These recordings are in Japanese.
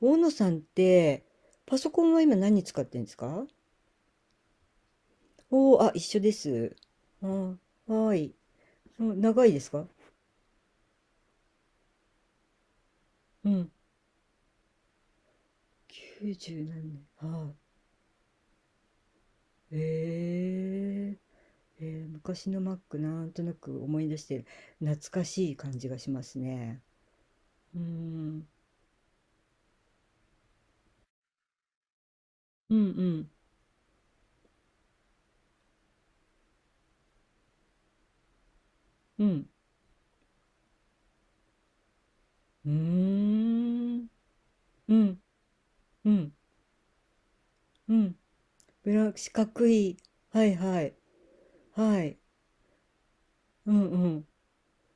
大野さんって、パソコンは今何使ってるんですか？おおー、あ、一緒です。あー、はーい。うん、長いですか？うん。九十何年。はーい。昔の Mac なんとなく思い出して懐かしい感じがしますね。うーん。うんうん。うん。うーん。うんうんうん。四角い。はいはい。はい。うんうん。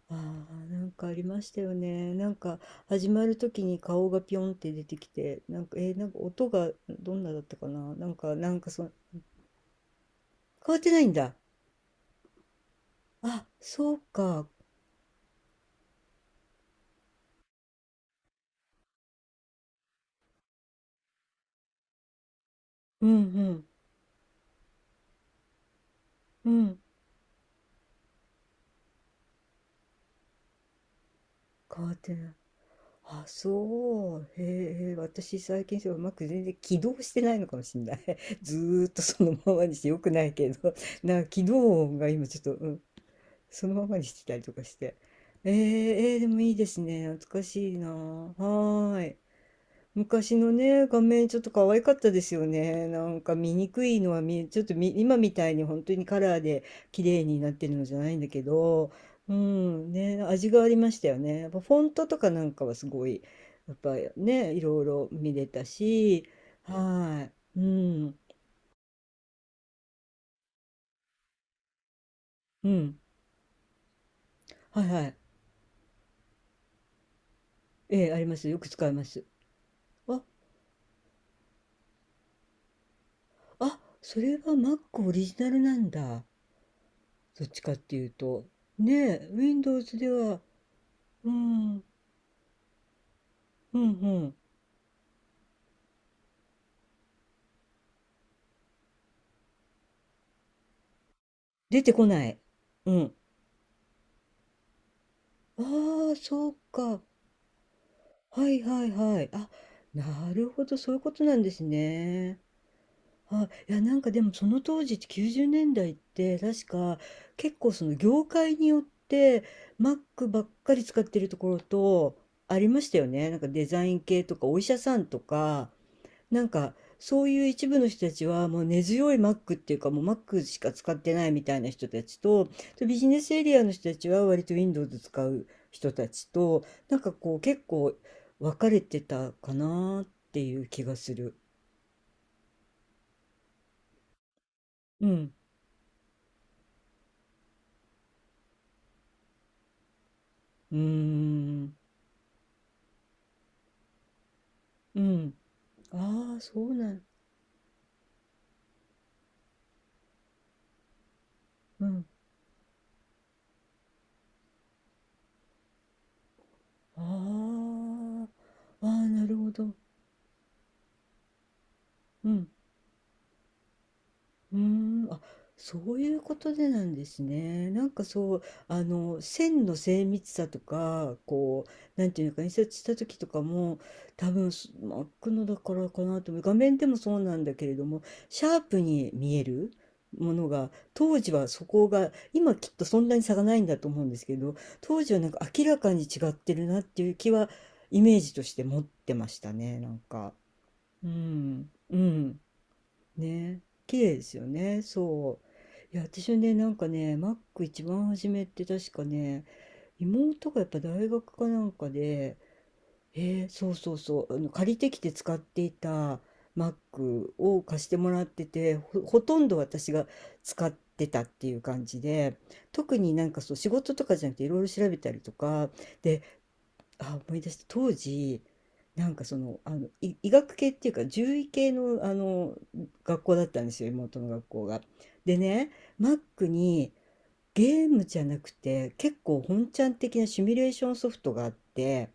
ああ、なんかありましたよね。なんか始まる時に顔がピョンって出てきて、なんか、なんか音がどんなだったかな。なんかその、変わってないんだ。あ、そうか。うんうん。うん。変わってない。あ、そう。へえ、私最近それうまく全然起動してないのかもしれない。ずーっとそのままにしてよくないけど、なんか起動音が今ちょっと、うん、そのままにしてたりとかして。えー、でもいいですね。懐かしいな。はーい。昔のね、画面ちょっと可愛かったですよね。なんか見にくいのは見え、ちょっと今みたいに本当にカラーで綺麗になってるのじゃないんだけど、うん、ね、味がありましたよね。やっぱフォントとかなんかはすごい、やっぱりね、いろいろ見れたし、はい、うん、うん、はいはい、ええ、あります。よく使います。あ、あ、それは Mac オリジナルなんだ。どっちかっていうと。ねえ、Windows では、うん、うんうん。出てこない。うん。ああ、そうか。はいはいはい。あ、なるほど、そういうことなんですね。あ、いや、なんかでもその当時って90年代って確か結構その業界によって Mac ばっかり使ってるところとありましたよね。なんかデザイン系とかお医者さんとかなんかそういう一部の人たちはもう根強いマックっていうかもうマックしか使ってないみたいな人たちとビジネスエリアの人たちは割と Windows 使う人たちとなんかこう結構分かれてたかなっていう気がする。うん。うーん。うん。ああ、そうなん。うん。ああ。ああ、なるほど。うん。うーん、あ、そういうことでなんですね。なんかそう、あの、線の精密さとか、こう、なんていうのか、印刷した時とかも、多分、真っ黒だからかなと思う。画面でもそうなんだけれども、シャープに見えるものが、当時はそこが、今きっとそんなに差がないんだと思うんですけど、当時はなんか明らかに違ってるなっていう気は、イメージとして持ってましたね、なんか。うん、うん。ね、綺麗ですよね、そう。いや、私はね、なんかね、マック一番初めって確かね、妹がやっぱ大学かなんかで、そうそうそう、あの借りてきて使っていたマックを貸してもらってて、ほとんど私が使ってたっていう感じで、特になんかそう仕事とかじゃなくていろいろ調べたりとか、で、あ、思い出した。当時、なんかその、あの、医学系っていうか、獣医系の、あの、学校だったんですよ、妹の学校が。でね、マックにゲームじゃなくて、結構本ちゃん的なシミュレーションソフトがあって、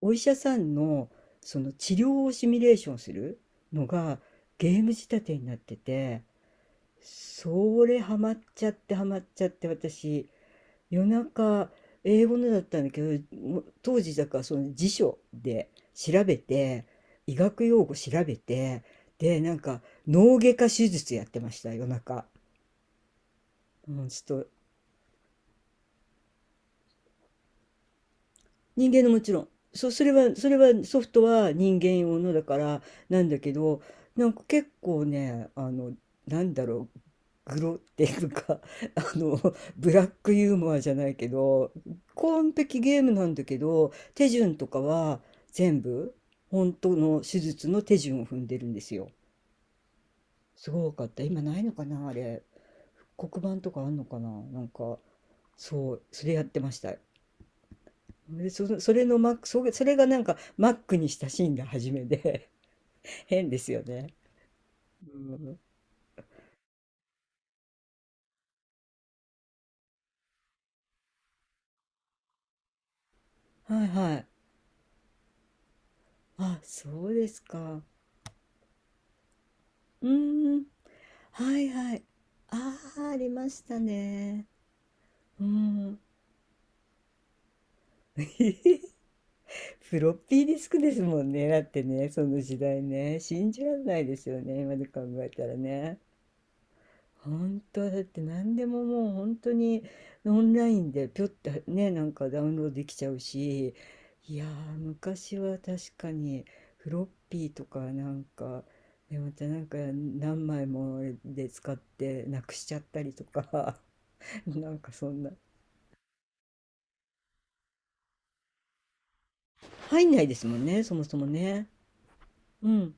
お医者さんの、その治療をシミュレーションするのがゲーム仕立てになってて、それハマっちゃってハマっちゃって私、夜中英語のだったんだけどもう当時だからその辞書で調べて医学用語調べてでなんか脳外科手術やってました夜中、うん、ちょっ人間のもちろん。それはソフトは人間用のだからなんだけど、なんか結構ね、あの、なんだろう、グロっていうか、あの、ブラックユーモアじゃないけど、完璧ゲームなんだけど、手順とかは全部、本当の手術の手順を踏んでるんですよ。すごかった。今ないのかな、あれ。黒板とかあんのかな、なんか、そう、それやってました。で、それがなんかマックに親しんだ初めで 変ですよね。うん。はいはい。あ、そうですか。うん。はいはい。ああ、ありましたね。うん。フロッピーディスクですもんね。だってね、その時代ね。信じられないですよね。今で考えたらね。本当だって何でももう本当にオンラインでぴょってねなんかダウンロードできちゃうしいやー昔は確かにフロッピーとかなんかでまたなんか何枚もで使ってなくしちゃったりとか なんかそんな入んないですもんねそもそもねうん。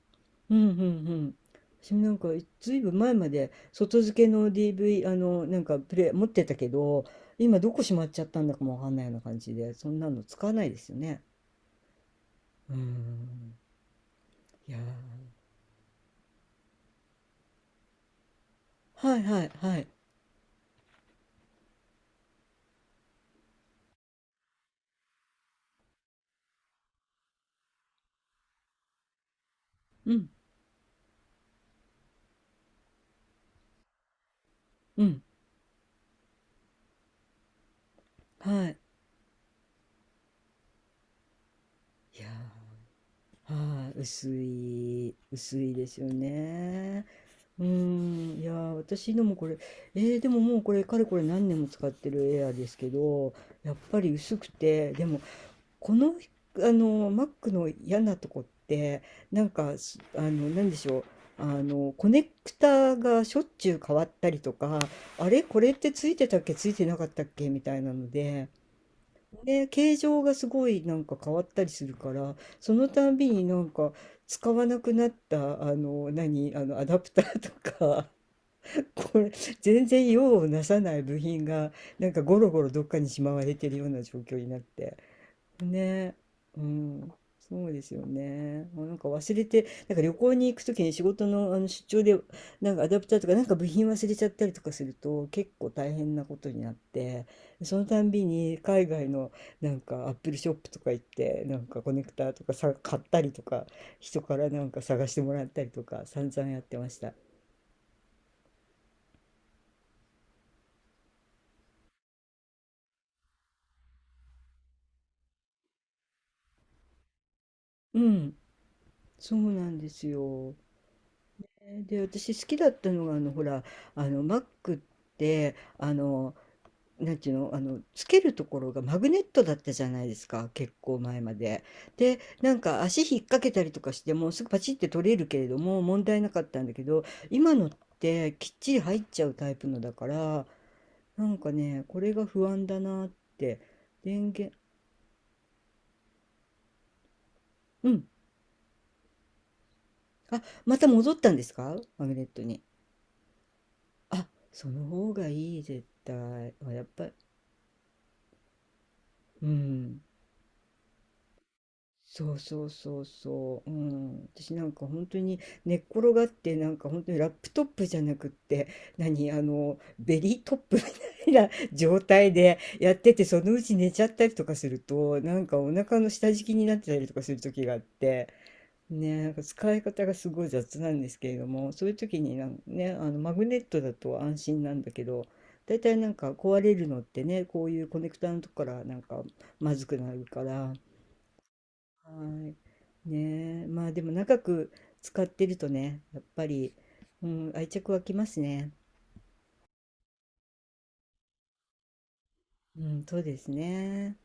うんうんうん。私もなんかいずいぶん前まで外付けの DV、あの、なんかプレイ持ってたけど、今どこしまっちゃったんだかもわかんないような感じで、そんなの使わないですよね。うん。いやー。はいはいはい。うんうんはい。いやー。はい。薄いですよね。うーん、いやー私のもこれ、でももうこれかれこれ何年も使ってるエアーですけどやっぱり薄くてでもこの、あの、マックの嫌なとこって、なんか、あの、なんでしょう。あの、コネクタがしょっちゅう変わったりとか、あれこれってついてたっけついてなかったっけみたいなので、で、形状がすごいなんか変わったりするから、そのたんびになんか使わなくなった、あの、何、あの、アダプターとか これ、全然用をなさない部品が、なんかゴロゴロどっかにしまわれてるような状況になって。ねうん、そうですよね。あなんか忘れて、なんか旅行に行くときに仕事の、あの出張で、なんかアダプターとか、なんか部品忘れちゃったりとかすると、結構大変なことになって、そのたんびに海外のなんかアップルショップとか行って、なんかコネクターとかさ、買ったりとか、人からなんか探してもらったりとか、散々やってました。うん、そうなんですよ。で、私好きだったのが、あの、ほら、あの、Mac って、あの、なんていうの、あの、つけるところがマグネットだったじゃないですか、結構前まで。で、なんか足引っ掛けたりとかしてもすぐパチって取れるけれども問題なかったんだけど、今のってきっちり入っちゃうタイプのだから、なんかね、これが不安だなって。電源、うん。あ、また戻ったんですかマグネットに？あ、その方がいい、絶対。あやっぱり、うん。そうそうそうそう、うん、私なんか本当に寝っ転がってなんか本当にラップトップじゃなくって何あのベリートップみたいな 状態でやっててそのうち寝ちゃったりとかするとなんかお腹の下敷きになってたりとかする時があってねなんか使い方がすごい雑なんですけれどもそういう時になんねあのマグネットだと安心なんだけどだいたいなんか壊れるのってねこういうコネクターのとこからなんかまずくなるから。はい。ねえ、まあでも長く使ってるとね、やっぱり、うん、愛着湧きますね。うん、そうですね。